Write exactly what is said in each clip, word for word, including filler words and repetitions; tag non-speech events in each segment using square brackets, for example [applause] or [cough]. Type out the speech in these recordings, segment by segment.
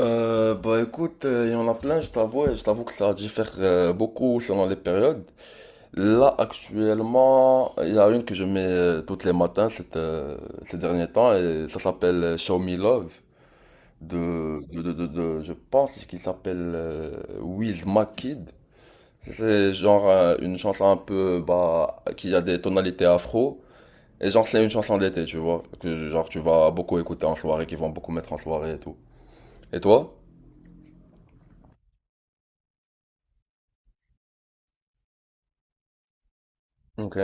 Euh, bah écoute, euh, il y en a plein, je t'avoue, et je t'avoue que ça diffère euh, beaucoup selon les périodes. Là, actuellement, il y a une que je mets euh, toutes les matins cette, euh, ces derniers temps et ça s'appelle euh, Show Me Love de, de, de, de, de- je pense qu'il s'appelle euh, Wiz Kid. C'est genre euh, une chanson un peu, bah, qui a des tonalités afro. Et genre, c'est une chanson d'été, tu vois, que genre tu vas beaucoup écouter en soirée, qui vont beaucoup mettre en soirée et tout. Et toi? Ok.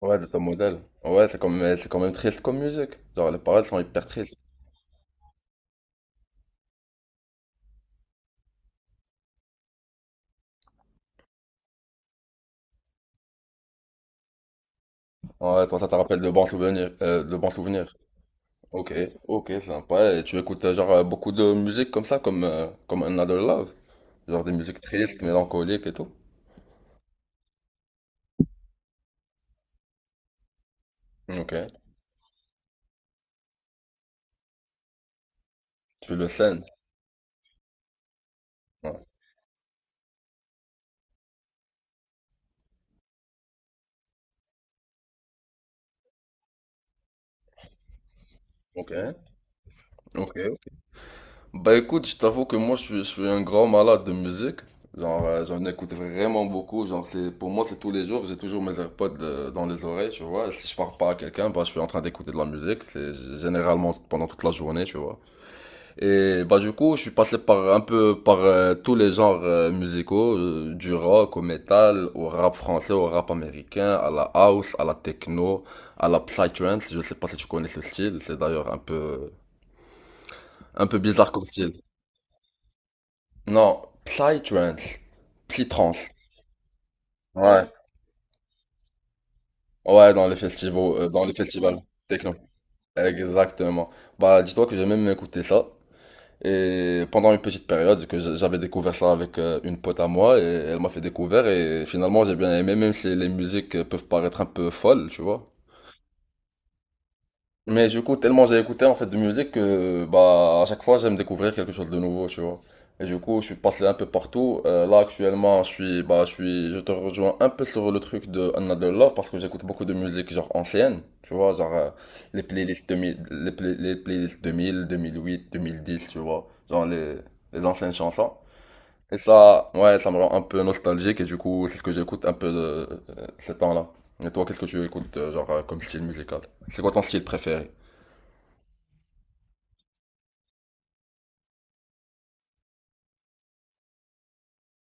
Ouais, de ton modèle. Ouais, c'est quand même, c'est quand même triste comme musique. Genre, les paroles sont hyper tristes. Ouais, toi, ça te rappelle de bons souvenirs, euh, de bons souvenirs. Ok, ok, sympa. Et tu écoutes, euh, genre, euh, beaucoup de musique comme ça, comme, euh, comme Another Love. Genre des musiques tristes, mélancoliques et tout. Ok. Tu le sens. Ouais. Ok. Ok. Bah écoute, je t'avoue que moi je suis, je suis un grand malade de musique. Genre, euh, j'en écoute vraiment beaucoup. Genre, c'est, pour moi, c'est tous les jours. J'ai toujours mes AirPods euh, dans les oreilles, tu vois. Si je parle pas à quelqu'un, bah, je suis en train d'écouter de la musique. C'est généralement pendant toute la journée, tu vois. Et bah, du coup, je suis passé par un peu par euh, tous les genres euh, musicaux, euh, du rock au métal, au rap français, au rap américain, à la house, à la techno, à la psytrance. Je sais pas si tu connais ce style. C'est d'ailleurs un peu, un peu bizarre comme style. Non, Psytrance. Psytrance. Ouais. Ouais, dans les festivals, euh, dans les festivals techno. Exactement. Bah, dis-toi que j'ai même écouté ça. Et pendant une petite période, que j'a- j'avais découvert ça avec euh, une pote à moi, et elle m'a fait découvrir, et finalement j'ai bien aimé, même si les musiques euh, peuvent paraître un peu folles, tu vois. Mais du coup, tellement j'ai écouté en fait de musique que bah à chaque fois j'aime découvrir quelque chose de nouveau, tu vois. Et du coup, je suis passé un peu partout. Euh, là actuellement, je suis bah je suis je te rejoins un peu sur le truc de Another Love parce que j'écoute beaucoup de musique genre ancienne, tu vois, genre euh, les playlists deux mille les, play- les playlists deux mille, deux mille huit, deux mille dix, tu vois, genre les les anciennes chansons. Et ça, ouais, ça me rend un peu nostalgique et du coup, c'est ce que j'écoute un peu de, euh, ces temps-là. Et toi, qu'est-ce que tu écoutes euh, genre euh, comme style musical? C'est quoi ton style préféré?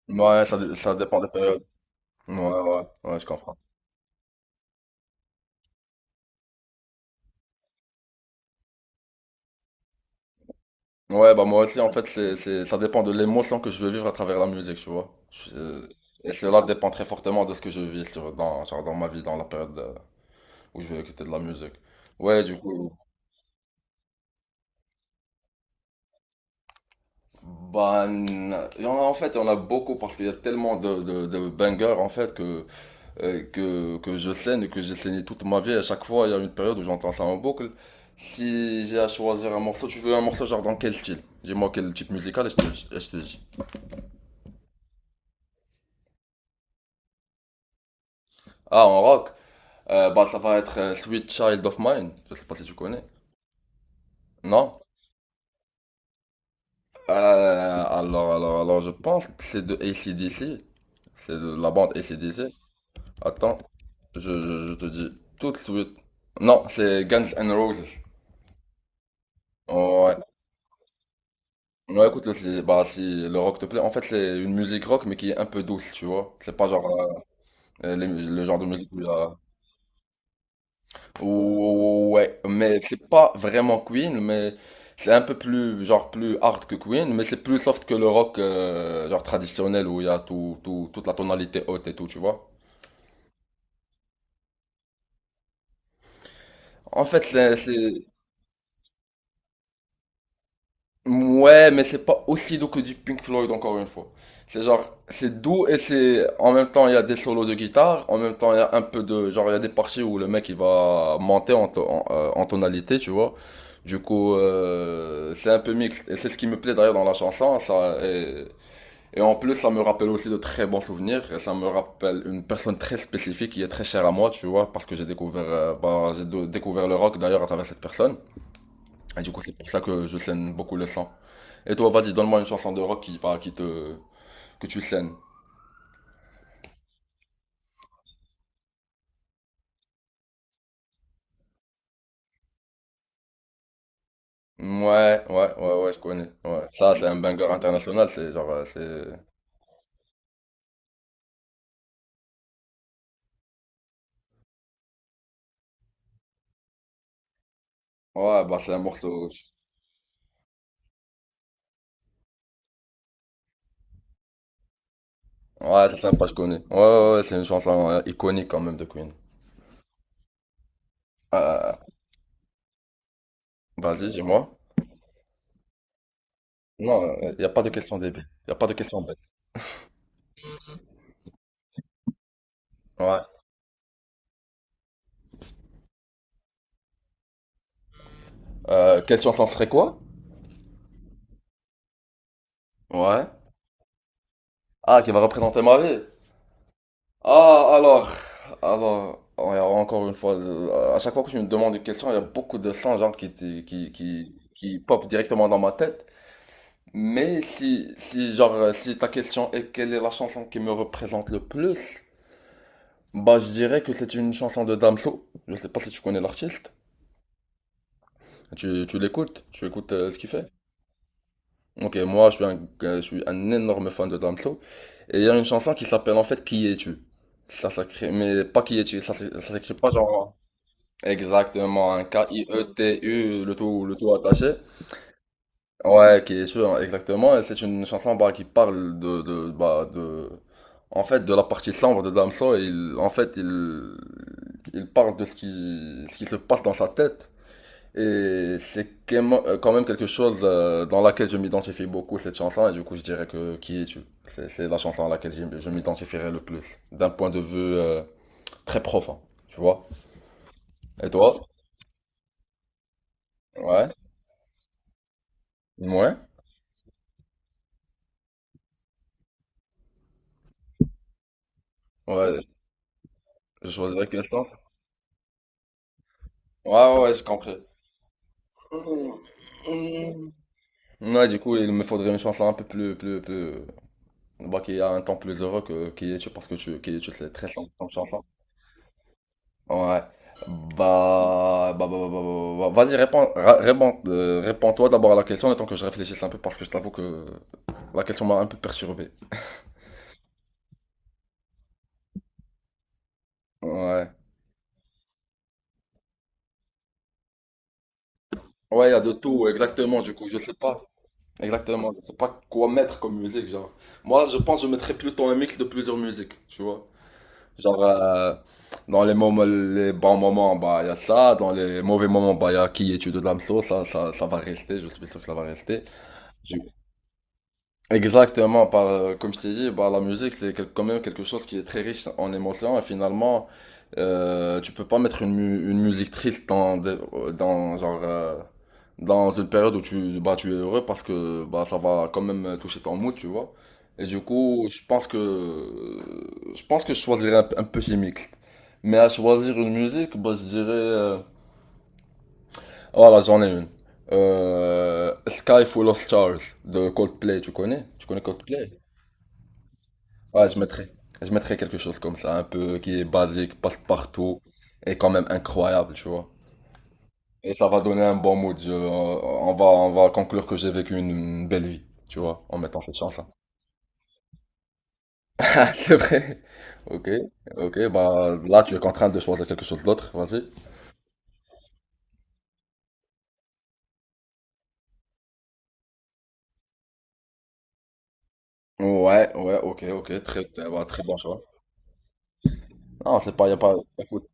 Ouais, ça, dé- ça dépend des périodes. Ouais, ouais, ouais, je comprends. Ouais, bah moi aussi, en fait, c'est, c'est, ça dépend de l'émotion que je veux vivre à travers la musique, tu vois. Je- euh, et cela dépend très fortement de ce que je vis sur, dans, genre dans ma vie, dans la période euh, où je veux écouter de la musique. Ouais, du coup, bah, n- il y en a, en fait, il y en a beaucoup parce qu'il y a tellement de, de, de bangers, en fait, que euh, que, que je scène et que j'ai saigné toute ma vie. À chaque fois, il y a une période où j'entends ça en boucle. Si j'ai à choisir un morceau, tu veux un morceau genre dans quel style? Dis-moi quel type musical et je te, et je te dis. Ah, en rock, euh, bah ça va être euh, Sweet Child of Mine. Je sais pas si tu connais. Non? Euh, alors, alors, alors, je pense que c'est de AC/DC. C'est de la bande AC/DC. Attends, je, je, je te dis tout de suite. Non, c'est Guns N' Roses. Ouais, Ouais, écoute, le- c'est- bah, si le rock te plaît, en fait, c'est une musique rock, mais qui est un peu douce, tu vois. C'est pas genre euh, les mus- le genre de musique où il y a- Ouh, Ouais, mais c'est pas vraiment Queen, mais c'est un peu plus, genre, plus hard que Queen, mais c'est plus soft que le rock, euh, genre, traditionnel, où il y a tout, tout- toute la tonalité haute et tout, tu vois. En fait, c'est c'est- Ouais, mais c'est pas aussi doux que du Pink Floyd, encore une fois. C'est genre, c'est doux et c'est, en même temps, il y a des solos de guitare, en même temps, il y a un peu de, genre, il y a des parties où le mec, il va monter en, to- en, euh, en tonalité, tu vois. Du coup, euh, c'est un peu mixte. Et c'est ce qui me plaît d'ailleurs dans la chanson, ça, et, et en plus, ça me rappelle aussi de très bons souvenirs, et ça me rappelle une personne très spécifique qui est très chère à moi, tu vois, parce que j'ai découvert, euh, bah, j'ai dou- découvert le rock d'ailleurs à travers cette personne. Et du coup, c'est pour ça que je scène beaucoup le sang. Et toi, vas-y, donne-moi une chanson de rock qui, par- qui te, que tu scènes. Ouais, ouais, ouais, ouais, je connais. Ouais. Ça, c'est un banger international, c'est genre, euh, c'est... Ouais, bah, c'est un morceau... Ouais, c'est sympa, je connais. Ouais, ouais, ouais, c'est une chanson euh, iconique quand même de Queen. Euh, vas-y, dis-moi. Non, il a pas de question débile. Il a pas de question bête. Ouais. Euh, quelle chanson serait quoi? Ouais. Ah, qui va représenter ma vie. Ah, alors, alors, on- a encore une fois, euh, à chaque fois que tu me demandes une question, il y a beaucoup de sons genre qui, t- qui, qui, qui pop directement dans ma tête. Mais si, si, genre, euh, si ta question est quelle est la chanson qui me représente le plus, bah, je dirais que c'est une chanson de Damso. Je sais pas si tu connais l'artiste. Tu, tu l'écoutes, tu écoutes euh, ce qu'il fait. Ok, moi, je suis un, euh, je suis un énorme fan de Damso. Et il y a une chanson qui s'appelle en fait Qui es-tu? Ça s'écrit, mais pas Qui es-tu, ça s'é- ça s'écrit pas genre Exactement, un K-I-E-T-U, le tout, le tout attaché. Ouais, qui est sûr, exactement. Et c'est une chanson bah, qui parle de, de, bah, de, en fait, de la partie sombre de Damso. Et il, en fait, il, il parle de ce qui, ce qui se passe dans sa tête. Et c'est quemo- euh, quand même quelque chose euh, dans laquelle je m'identifie beaucoup, cette chanson. Et du coup, je dirais que Qui es-tu? C'est, c'est la chanson à laquelle je, je m'identifierai le plus, d'un point de vue euh, très profond, tu vois. Et toi? Ouais. Ouais. Ouais, Je choisirais la question. Ouais, ouais, ouais, j'ai compris. Ouais, du coup, il me faudrait une chanson un peu plus, plus, plus, bah, qui a un temps plus heureux que Kiyetu, parce que tu, Kiyetu, c'est très sombre comme chanson. Ouais. Bah, bah, bah, bah, bah, bah, bah, vas-y, réponds, ra- réponds, euh, réponds-toi d'abord à la question, le temps que je réfléchisse un peu, parce que je t'avoue que la question m'a un peu perturbé. Ouais. Ouais, il y a de tout, exactement, du coup, je sais pas. Exactement, je sais pas quoi mettre comme musique, genre. Moi, je pense que je mettrais plutôt un mix de plusieurs musiques, tu vois. Genre, euh, dans les moments, les bons moments, bah, il y a ça. Dans les mauvais moments, bah, il y a qui est Tuto de l'Amso Ça, ça, ça va rester. Je suis sûr que ça va rester. Exactement, par, euh, comme je t'ai dit, bah, la musique, c'est quel- quand même quelque chose qui est très riche en émotions et finalement, euh, tu peux pas mettre une, mu- une musique triste dans, des- euh, dans, genre, euh, dans une période où tu, bah, tu es heureux parce que bah, ça va quand même toucher ton mood, tu vois. Et du coup, je pense que, euh, je pense que je choisirais un, un peu chimique. Mais à choisir une musique, bah, je dirais, euh, voilà, j'en ai une. Euh, Sky Full of Stars de Coldplay, tu connais? Tu connais Coldplay? Ouais, je mettrais, je mettrais quelque chose comme ça, un peu qui est basique, passe partout et quand même incroyable, tu vois. Et ça va donner un bon mood. je- on va, on va conclure que j'ai vécu une, une belle vie, tu vois, en mettant cette chanson. [laughs] Ah, C'est vrai. Ok, ok, bah là tu es contraint de choisir quelque chose d'autre, vas-y. Ouais, ouais, ok, ok, très, très, bah, très bon choix. Non, c'est pas, y a pas, écoute,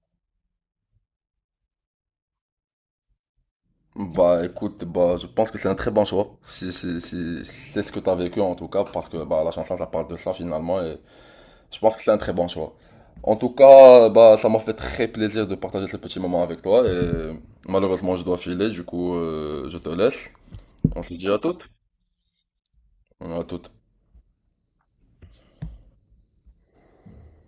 bah, écoute, bah, je pense que c'est un très bon choix, si, si, si, c'est ce que t'as vécu en tout cas, parce que, bah, la chanson, ça parle de ça finalement, Je pense que c'est un très bon choix. En tout cas, bah, ça m'a fait très plaisir de partager ce petit moment avec toi. Et malheureusement, je dois filer, du coup, euh, je te laisse. On se dit à toutes. À toutes.